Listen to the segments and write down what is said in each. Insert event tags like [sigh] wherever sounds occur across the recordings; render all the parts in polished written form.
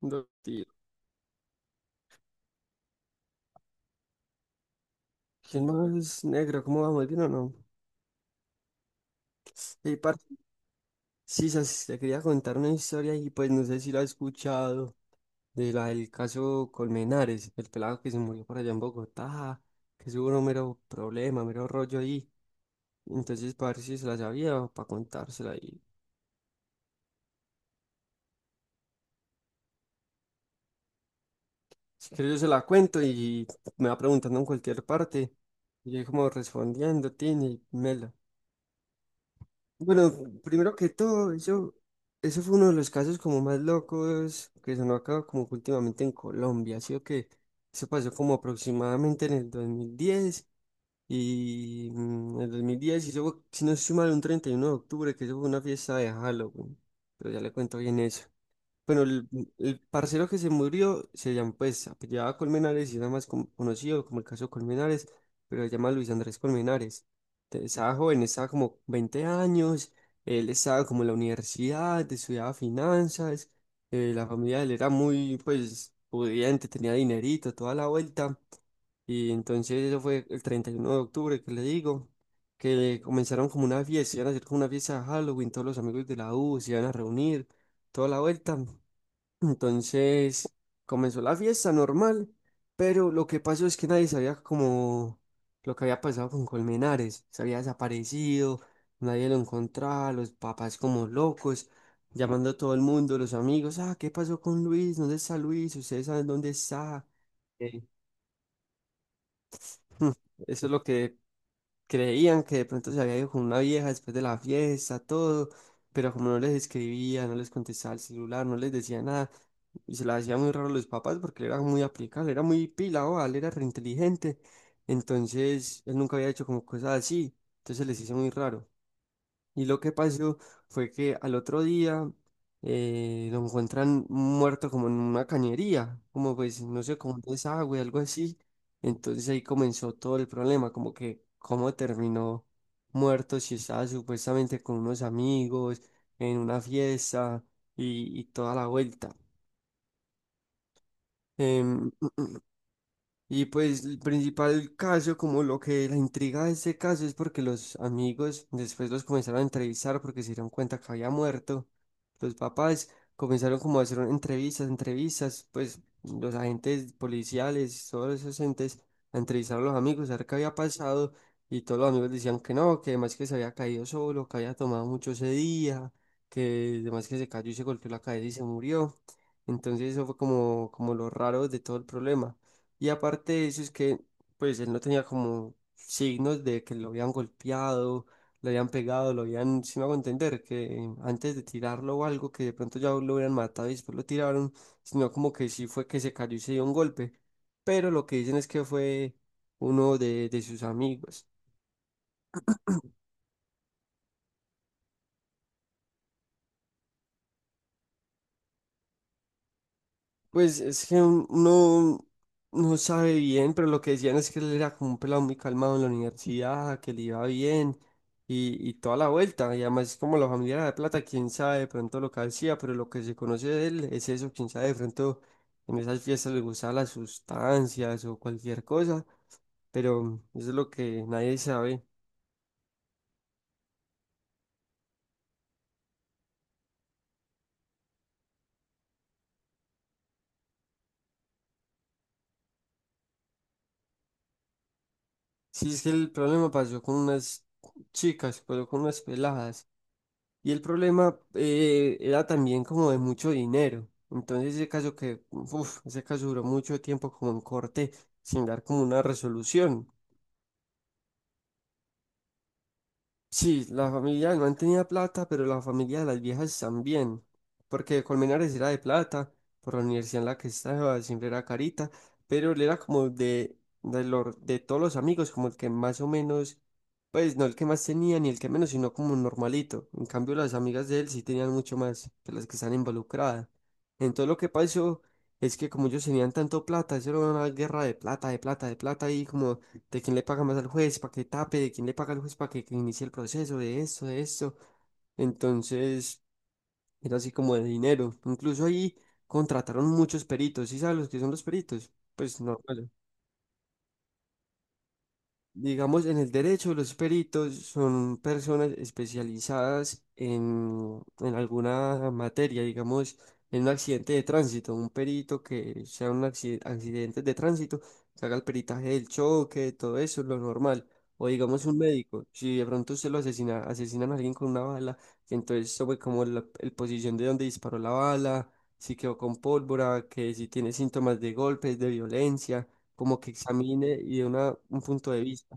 Dos tiros. ¿Quién más negro? ¿Cómo vamos? ¿Bien o no? Ey, parce, sí, te quería contar una historia y pues no sé si la has escuchado, de la del caso Colmenares, el pelado que se murió por allá en Bogotá, que hubo un mero problema, mero rollo ahí. Entonces, para ver si se la sabía o para contársela ahí. Si quieres yo se la cuento y me va preguntando en cualquier parte. Y yo ahí como respondiendo, tiene, mela. Bueno, primero que todo, eso fue uno de los casos como más locos que sonó acá como que últimamente en Colombia, ¿sí o que? Eso pasó como aproximadamente en el 2010 y en el 2010 y eso, fue, si no estoy mal, un 31 de octubre, que eso fue una fiesta de Halloween. Pero ya le cuento bien eso. Pero el, el parcero que se murió se llama, pues, apellidaba Colmenares y era más conocido como el caso Colmenares, pero se llama Luis Andrés Colmenares. Entonces, estaba joven, estaba como 20 años, él estaba como en la universidad, estudiaba finanzas, la familia de él era muy, pues, pudiente, tenía dinerito, toda la vuelta. Y entonces eso fue el 31 de octubre, que le digo, que comenzaron como una fiesta, iban a hacer como una fiesta de Halloween, todos los amigos de la U se iban a reunir, toda la vuelta. Entonces comenzó la fiesta normal, pero lo que pasó es que nadie sabía como lo que había pasado con Colmenares. Se había desaparecido, nadie lo encontraba, los papás como locos, llamando a todo el mundo, los amigos, ah, ¿qué pasó con Luis? ¿Dónde está Luis? ¿Ustedes saben dónde está? Eh, hmm, Eso es lo que creían, que de pronto se había ido con una vieja después de la fiesta, todo, pero como no les escribía, no les contestaba el celular, no les decía nada y se la hacía muy raro a los papás porque él era muy aplicado, era muy pila, o él era reinteligente, entonces él nunca había hecho como cosas así, entonces les hizo muy raro. Y lo que pasó fue que al otro día lo encuentran muerto como en una cañería, como pues, no sé, como un desagüe, algo así. Entonces ahí comenzó todo el problema, como que cómo terminó muerto si estaba supuestamente con unos amigos, en una fiesta y toda la vuelta. Em, Y pues el principal caso, como lo que la intriga de este caso es porque los amigos después los comenzaron a entrevistar porque se dieron cuenta que había muerto. Los papás comenzaron como a hacer entrevistas, entrevistas, pues los agentes policiales, todos esos entes, a entrevistar a los amigos, a ver qué había pasado. Y todos los amigos decían que no, que además que se había caído solo, que había tomado mucho ese día, que además que se cayó y se golpeó la cabeza y se murió. Entonces eso fue como, como lo raro de todo el problema. Y aparte de eso es que, pues, él no tenía como signos de que lo habían golpeado, lo habían pegado, lo habían, si me hago entender, que antes de tirarlo o algo, que de pronto ya lo hubieran matado y después lo tiraron, sino como que sí fue que se cayó y se dio un golpe. Pero lo que dicen es que fue uno de sus amigos. Pues es que uno no sabe bien, pero lo que decían es que él era como un pelado muy calmado en la universidad, que le iba bien y toda la vuelta. Y además, como la familia era de plata, quién sabe de pronto lo que hacía, pero lo que se conoce de él es eso, quién sabe de pronto en esas fiestas le gustaban las sustancias o cualquier cosa, pero eso es lo que nadie sabe. Sí, es que el problema pasó con unas chicas, pasó con unas peladas. Y el problema era también como de mucho dinero. Entonces ese caso que, uf, ese caso duró mucho tiempo como en corte sin dar como una resolución. Sí, la familia no tenía plata, pero la familia de las viejas también, porque Colmenares era de plata, por la universidad en la que estaba siempre era carita, pero él era como de todos los amigos, como el que más o menos, pues no el que más tenía ni el que menos, sino como un normalito. En cambio, las amigas de él sí tenían mucho más que las que están involucradas. Entonces lo que pasó es que como ellos tenían tanto plata, eso era una guerra de plata, de plata, de plata, y como de quién le paga más al juez para que tape, de quién le paga al juez para que inicie el proceso, de esto, de esto. Entonces, era así como de dinero. Incluso ahí contrataron muchos peritos, ¿sí sabes los que son los peritos? Pues no, digamos, en el derecho, los peritos son personas especializadas en alguna materia, digamos, en un accidente de tránsito, un perito que sea un accidente de tránsito, que haga el peritaje del choque, todo eso, lo normal. O digamos, un médico, si de pronto usted lo asesina, asesinan a alguien con una bala, entonces sobre como la el posición de donde disparó la bala, si quedó con pólvora, que si tiene síntomas de golpes, de violencia como que examine y dé una, un punto de vista.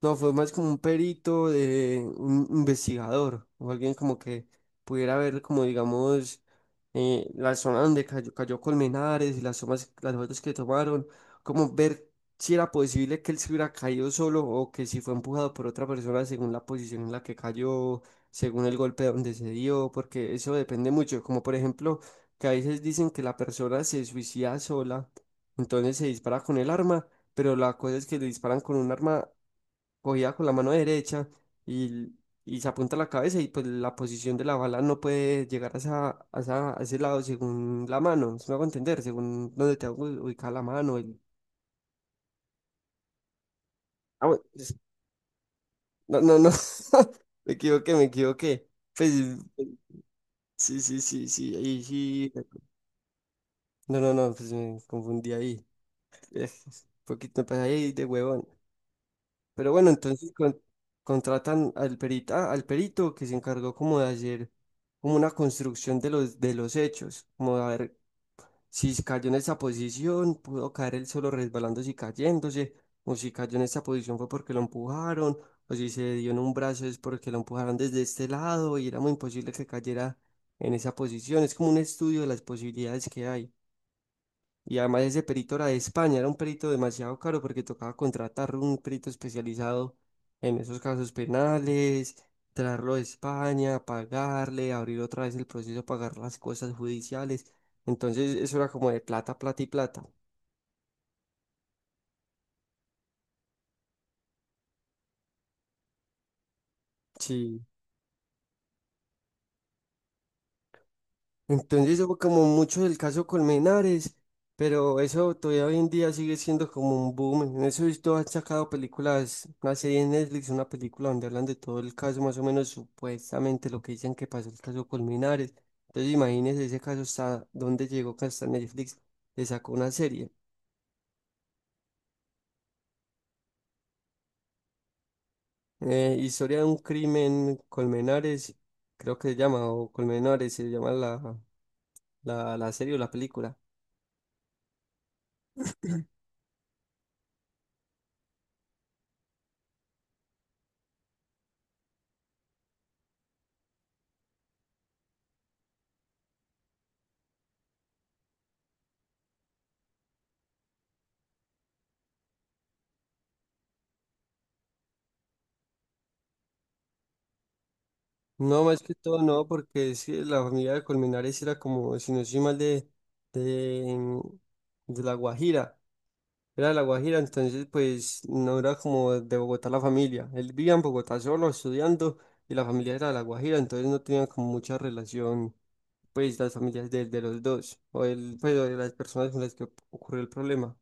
No, fue más como un perito de un investigador, o alguien como que pudiera ver como digamos la zona donde cayó Colmenares y las tomas, las fotos que tomaron, como ver si era posible que él se hubiera caído solo o que si fue empujado por otra persona según la posición en la que cayó, según el golpe donde se dio, porque eso depende mucho, como por ejemplo que a veces dicen que la persona se suicida sola, entonces se dispara con el arma pero la cosa es que le disparan con un arma cogida con la mano derecha y, y se apunta a la cabeza y pues la posición de la bala no puede llegar a, a ese lado según la mano, si me hago entender, según donde te hago ubicar la mano. Ah, bueno, no, no, no, [laughs] me equivoqué. Pues sí, sí, sí, sí, ahí sí. No, no, no, pues me confundí ahí. [laughs] Un poquito, pues ahí de huevón. Pero bueno, entonces contratan al perita, al perito que se encargó como de hacer como una construcción de de los hechos, como de a ver si cayó en esa posición, pudo caer él solo resbalándose y cayéndose, o si cayó en esa posición fue porque lo empujaron, o si se dio en un brazo es porque lo empujaron desde este lado y era muy imposible que cayera en esa posición. Es como un estudio de las posibilidades que hay. Y además ese perito era de España, era un perito demasiado caro porque tocaba contratar un perito especializado en esos casos penales, traerlo de España, pagarle, abrir otra vez el proceso, pagar las cosas judiciales. Entonces eso era como de plata, plata y plata. Sí. Entonces fue como mucho el caso Colmenares, pero eso todavía hoy en día sigue siendo como un boom. En eso he visto, han sacado películas, una serie en Netflix, una película donde hablan de todo el caso, más o menos supuestamente lo que dicen que pasó el caso Colmenares. Entonces imagínense ese caso hasta dónde llegó, que hasta Netflix le sacó una serie. Historia de un crimen Colmenares, creo que se llama, o Colmenares se llama la serie o la película. No, más que todo no, porque sí, la familia de Colmenares era como, si no soy mal, de, de La Guajira. Era de La Guajira, entonces pues no era como de Bogotá la familia. Él vivía en Bogotá solo, estudiando, y la familia era de La Guajira, entonces no tenían como mucha relación, pues las familias de los dos, o el, pues, o de las personas con las que ocurrió el problema.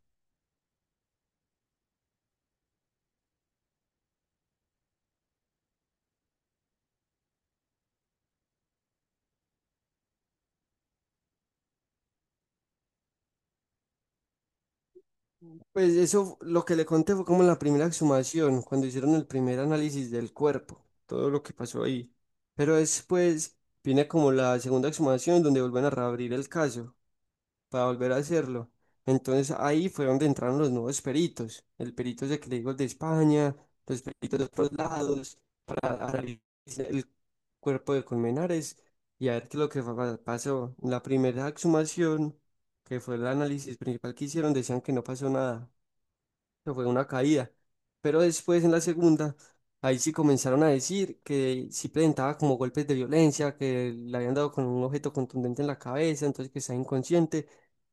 Pues eso, lo que le conté fue como la primera exhumación, cuando hicieron el primer análisis del cuerpo, todo lo que pasó ahí. Pero después viene como la segunda exhumación donde vuelven a reabrir el caso para volver a hacerlo. Entonces ahí fue donde entraron los nuevos peritos, el perito ese que le digo el de España, los peritos de otros lados, para analizar el cuerpo de Colmenares y a ver qué es lo que pasó. La primera exhumación, que fue el análisis principal que hicieron, decían que no pasó nada que fue una caída. Pero después en la segunda, ahí sí comenzaron a decir que sí presentaba como golpes de violencia, que le habían dado con un objeto contundente en la cabeza, entonces que estaba inconsciente.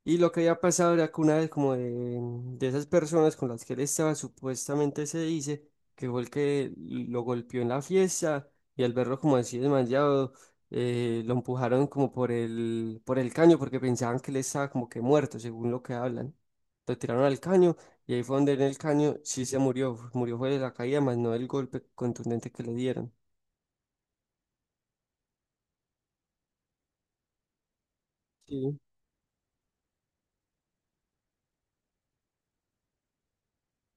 Y lo que había pasado era que una vez como de esas personas con las que él estaba, supuestamente se dice que fue el que lo golpeó en la fiesta y al verlo como así desmayado, lo empujaron como por por el caño porque pensaban que él estaba como que muerto, según lo que hablan. Lo tiraron al caño y ahí fue donde en el caño sí se murió, murió fue de la caída, más no del golpe contundente que le dieron. Sí.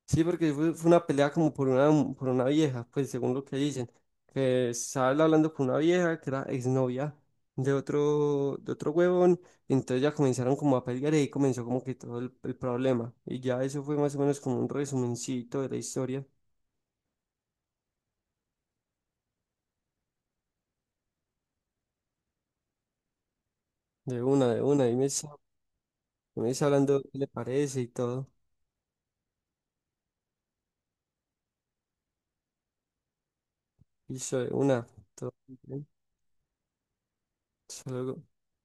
Sí, porque fue una pelea como por por una vieja, pues según lo que dicen, que estaba él hablando con una vieja que era exnovia de otro huevón, y entonces ya comenzaron como a pelear y ahí comenzó como que todo el problema. Y ya eso fue más o menos como un resumencito de la historia, y me, me está hablando qué le parece y todo, y eso de una, todo. Bien. Hasta luego.